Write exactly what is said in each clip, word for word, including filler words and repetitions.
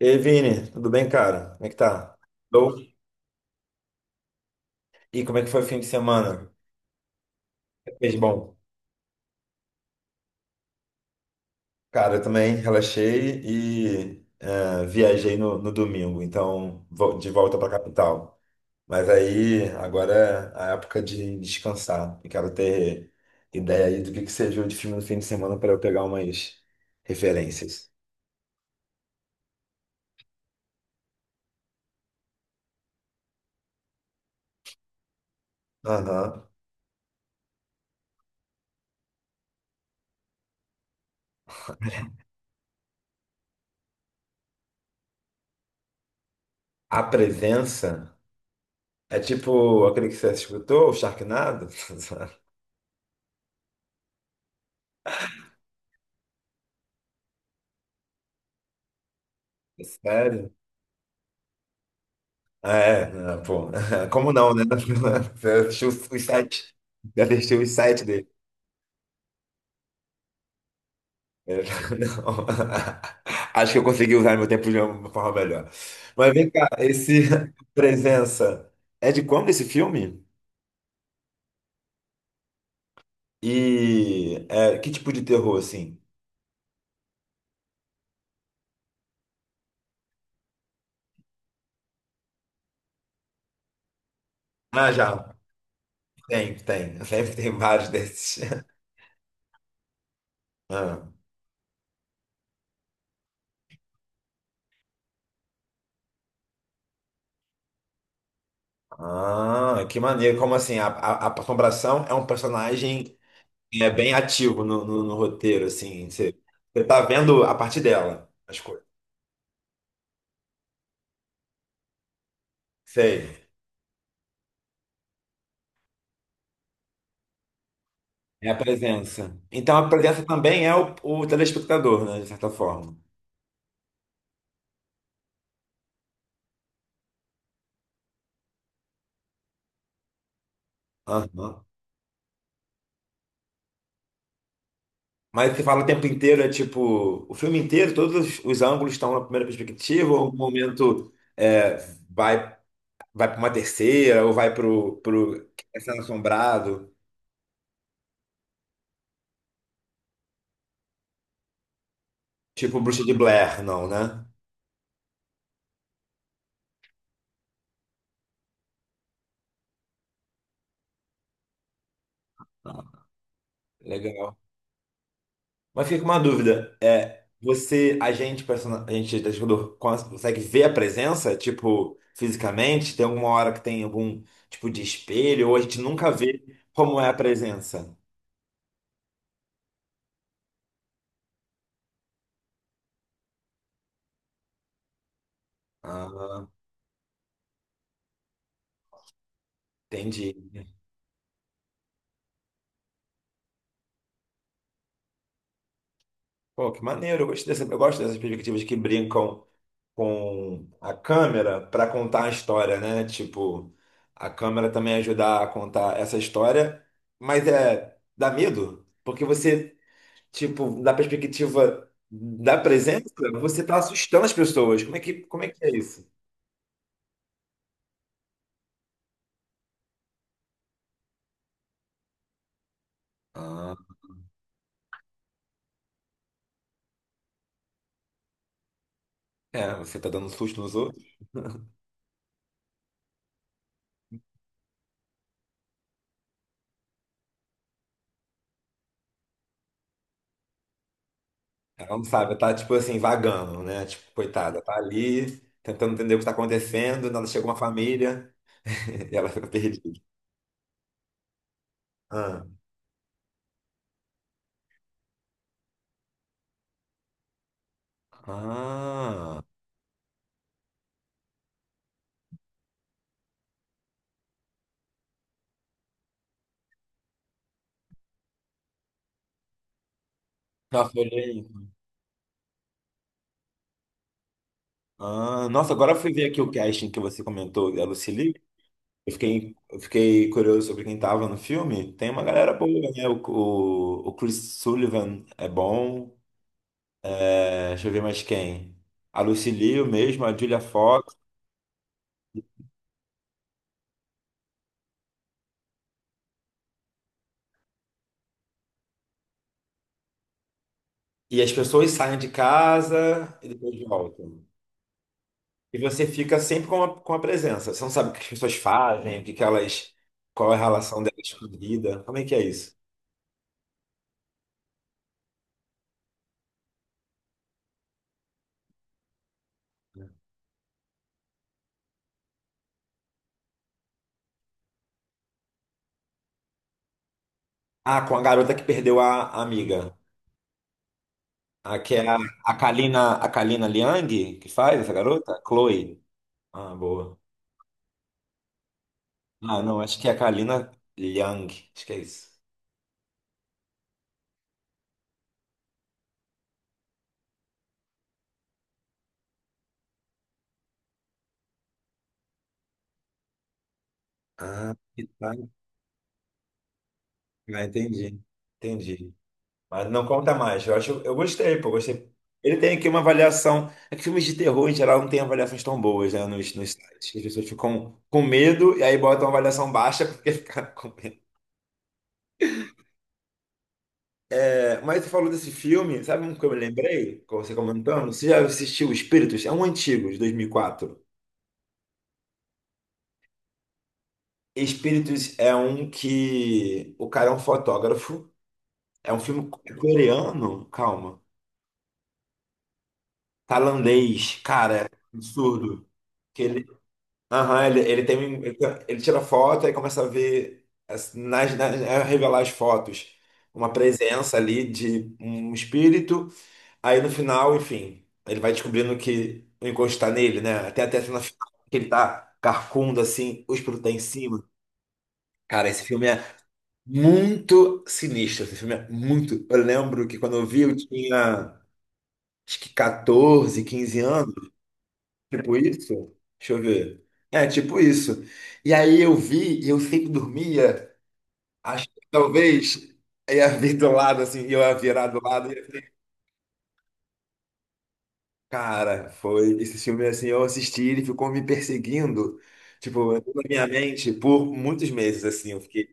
Ei, Vini, tudo bem, cara? Como é que tá? Tô. E como é que foi o fim de semana? Fez bom. Cara, eu também relaxei e é, viajei no, no domingo, então vo- de volta pra capital. Mas aí agora é a época de descansar. E quero ter ideia aí do que que você viu de filme no fim de semana para eu pegar umas referências. Aham. A Presença é tipo aquele que você escutou, o Sharknado? Sério? É, ah, pô, como não, né? Eu Deixei os os sites, já deixei os sites dele. É, não. Acho que eu consegui usar meu tempo de uma forma melhor. Mas vem cá, esse Presença é de quando esse filme? E é, que tipo de terror, assim? Ah, já, tem, tem. Sempre tem vários desses. Ah, ah, que maneiro. Como assim? A, a, a Assombração é um personagem é bem ativo no, no, no roteiro, assim. Você, você tá vendo a parte dela, as coisas. Sei. É a presença. Então a presença também é o, o telespectador, né? De certa forma. Aham. Mas você fala o tempo inteiro, é tipo, o filme inteiro, todos os os ângulos estão na primeira perspectiva, ou um momento é, vai, vai para uma terceira, ou vai pro, pro Castelo Assombrado, tipo Bruxa de Blair, não, né? Ah, legal. Mas fica com uma dúvida. É, você, a gente, persona- a gente, telespectador, cons- consegue ver a presença, tipo, fisicamente? Tem alguma hora que tem algum tipo de espelho, ou a gente nunca vê como é a presença? Ah, entendi. Pô, que maneiro. Eu gosto dessa, eu gosto dessas perspectivas que brincam com a câmera para contar a história, né? Tipo, a câmera também ajudar a contar essa história, mas é, dá medo, porque você tipo, da perspectiva da presença, você tá assustando as pessoas. Como é que, como é que é isso? Ah, é, você tá dando susto nos outros. Ela não sabe, tá tipo assim, vagando, né? Tipo, coitada, tá ali tentando entender o que tá acontecendo, nada chega uma família e ela fica perdida. Ah. Ah. Nossa, olhei. Ah, nossa, agora eu fui ver aqui o casting que você comentou, a Lucille. Eu fiquei, eu fiquei curioso sobre quem tava no filme. Tem uma galera boa, né? O, o, o Chris Sullivan é bom. É, deixa eu ver mais quem. A Lucy Liu mesmo, a Julia Fox. E as pessoas saem de casa e depois voltam. E você fica sempre com a, com a presença. Você não sabe o que as pessoas fazem, o que que elas, qual é a relação delas com a vida. Como é que é isso? Ah, com a garota que perdeu a, a amiga. A, que é a, a Kalina, a Kalina Liang, que faz essa garota? Chloe. Ah, boa. Ah, não, acho que é a Kalina Liang. Acho que é isso. Ah, que tá. Ah, entendi. Entendi. Mas não conta mais. Eu acho, eu gostei, pô, gostei. Ele tem aqui uma avaliação. É que filmes de terror, em geral, não tem avaliações tão boas, né, nos, nos sites. As pessoas ficam com medo e aí botam uma avaliação baixa porque ficaram com medo. É, mas você falou desse filme, sabe um que eu me lembrei, com você comentando? Você já assistiu Espíritos? É um antigo, de dois mil e quatro. Espíritos é um que o cara é um fotógrafo. É um filme coreano, calma. Tailandês, cara, é absurdo. Que ele, aham, ele, ele tem, ele, ele tira foto e começa a ver, as- nas, nas- a revelar as fotos, uma presença ali de um espírito. Aí no final, enfim, ele vai descobrindo que o encosto está nele, né? Até até na final, que ele tá carcundo assim, o espírito tá em cima. Cara, esse filme é muito sinistro. Esse filme é muito. Eu lembro que quando eu vi, eu tinha, acho que catorze, quinze anos, tipo isso. Deixa eu ver. É, tipo isso. E aí eu vi, e eu sempre dormia, acho que talvez ia vir do lado, assim, eu ia virar do lado. e- Cara, foi esse filme, assim, eu assisti, ele ficou me perseguindo, tipo, na minha mente por muitos meses, assim, eu fiquei...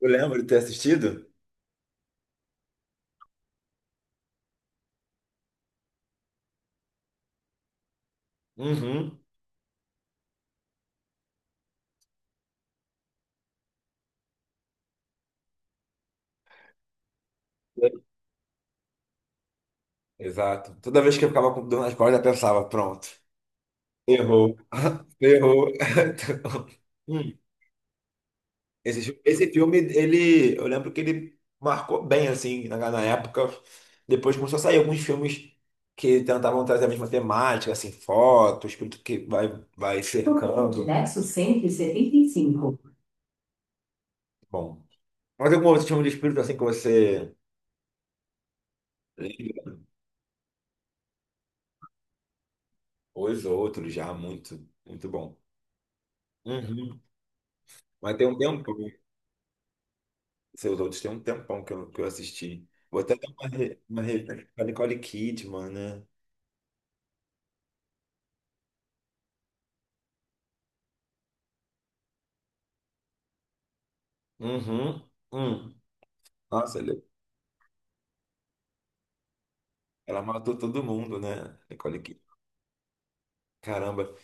Eu lembro de ter assistido? Uhum. Exato. Toda vez que eu ficava com dor nas costas, eu pensava, pronto, errou, errou. Então, hum." Esse, fi- esse filme, ele, eu lembro que ele marcou bem, assim, na, na época. Depois começou a sair alguns filmes que tentavam trazer a mesma temática, assim, foto, o espírito que vai, vai cercando. Nexo cento e setenta e cinco. Bom. Mas algum outro filme de espírito, assim, que você lembra? Os outros já, muito, muito bom. Uhum. Mas tem um tempo, seus outros tem um tempão que eu, que eu assisti. Vou até dar uma, re- uma re- com a Nicole Kidman, né? Uhum. Hum. Nossa, ela matou todo mundo, né? Nicole Kidman. Caramba.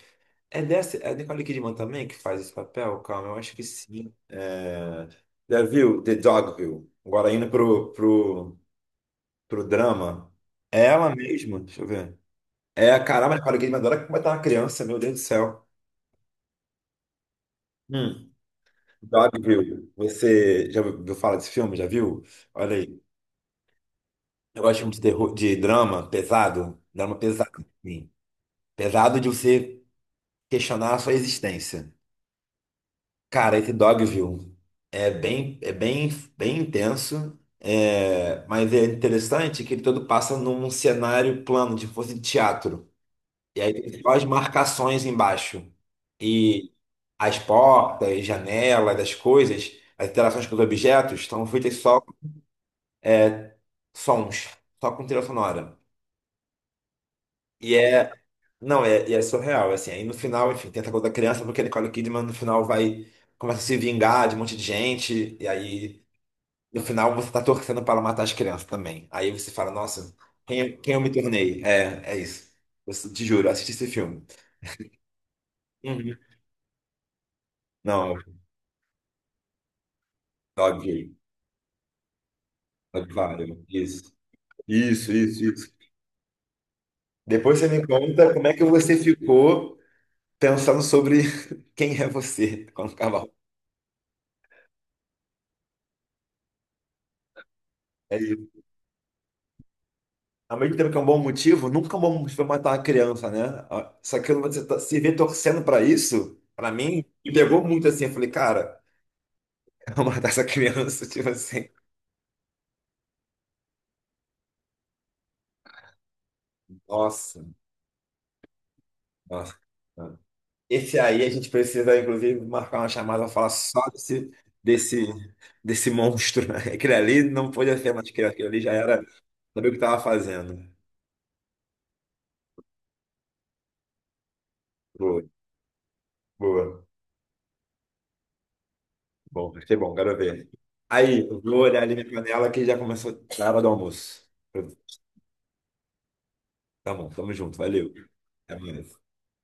É dessa, é a Nicole Kidman também que faz esse papel? Calma, eu acho que sim. É... Já viu The Dogville? Agora indo pro, pro, pro drama. É ela mesma? Deixa eu ver. É, caramba, Nicole Kidman adora como é uma criança, meu Deus do céu. Hum. Dogville. Você já ouviu falar desse filme? Já viu? Olha aí. Eu gosto muito de terror, de drama pesado. Drama pesado, sim. Pesado de você questionar a sua existência. Cara, esse Dogville é bem, é bem, bem intenso, é, mas é interessante que ele todo passa num cenário plano, de fosse teatro. E aí tem só as marcações embaixo. E as portas, janelas, as coisas, as interações com os objetos estão feitas só com sons, só com trilha sonora. E é, não, é, e é surreal, assim. Aí no final, enfim, tem essa coisa da criança, porque a Nicole Kidman no final vai, começa a se vingar de um monte de gente, e aí. No final, você tá torcendo para matar as crianças também. Aí você fala, nossa, quem, quem eu me tornei? É, é isso. Eu te juro, assisti esse filme. Uhum. Não, óbvio. Claro, isso. Isso, isso, isso. Depois você me conta como é que você ficou pensando sobre quem é você quando acabar. É isso. Ao mesmo tempo que é um bom motivo, nunca é um bom motivo pra matar uma criança, né? Só que você tá- se vê torcendo pra isso, pra mim, me pegou muito assim. Eu falei, cara, eu vou matar essa criança, tipo assim. Nossa. Nossa. Esse aí a gente precisa, inclusive, marcar uma chamada para falar só desse, desse, desse monstro, né? Aquele ali não podia ser mais aquele, aquele ali já era, sabia o que estava fazendo. Boa, boa. Bom, vai ser bom, quero ver. Aí, eu vou olhar ali minha panela que já começou a hora do almoço. Tá bom, tamo junto, valeu. Até mais.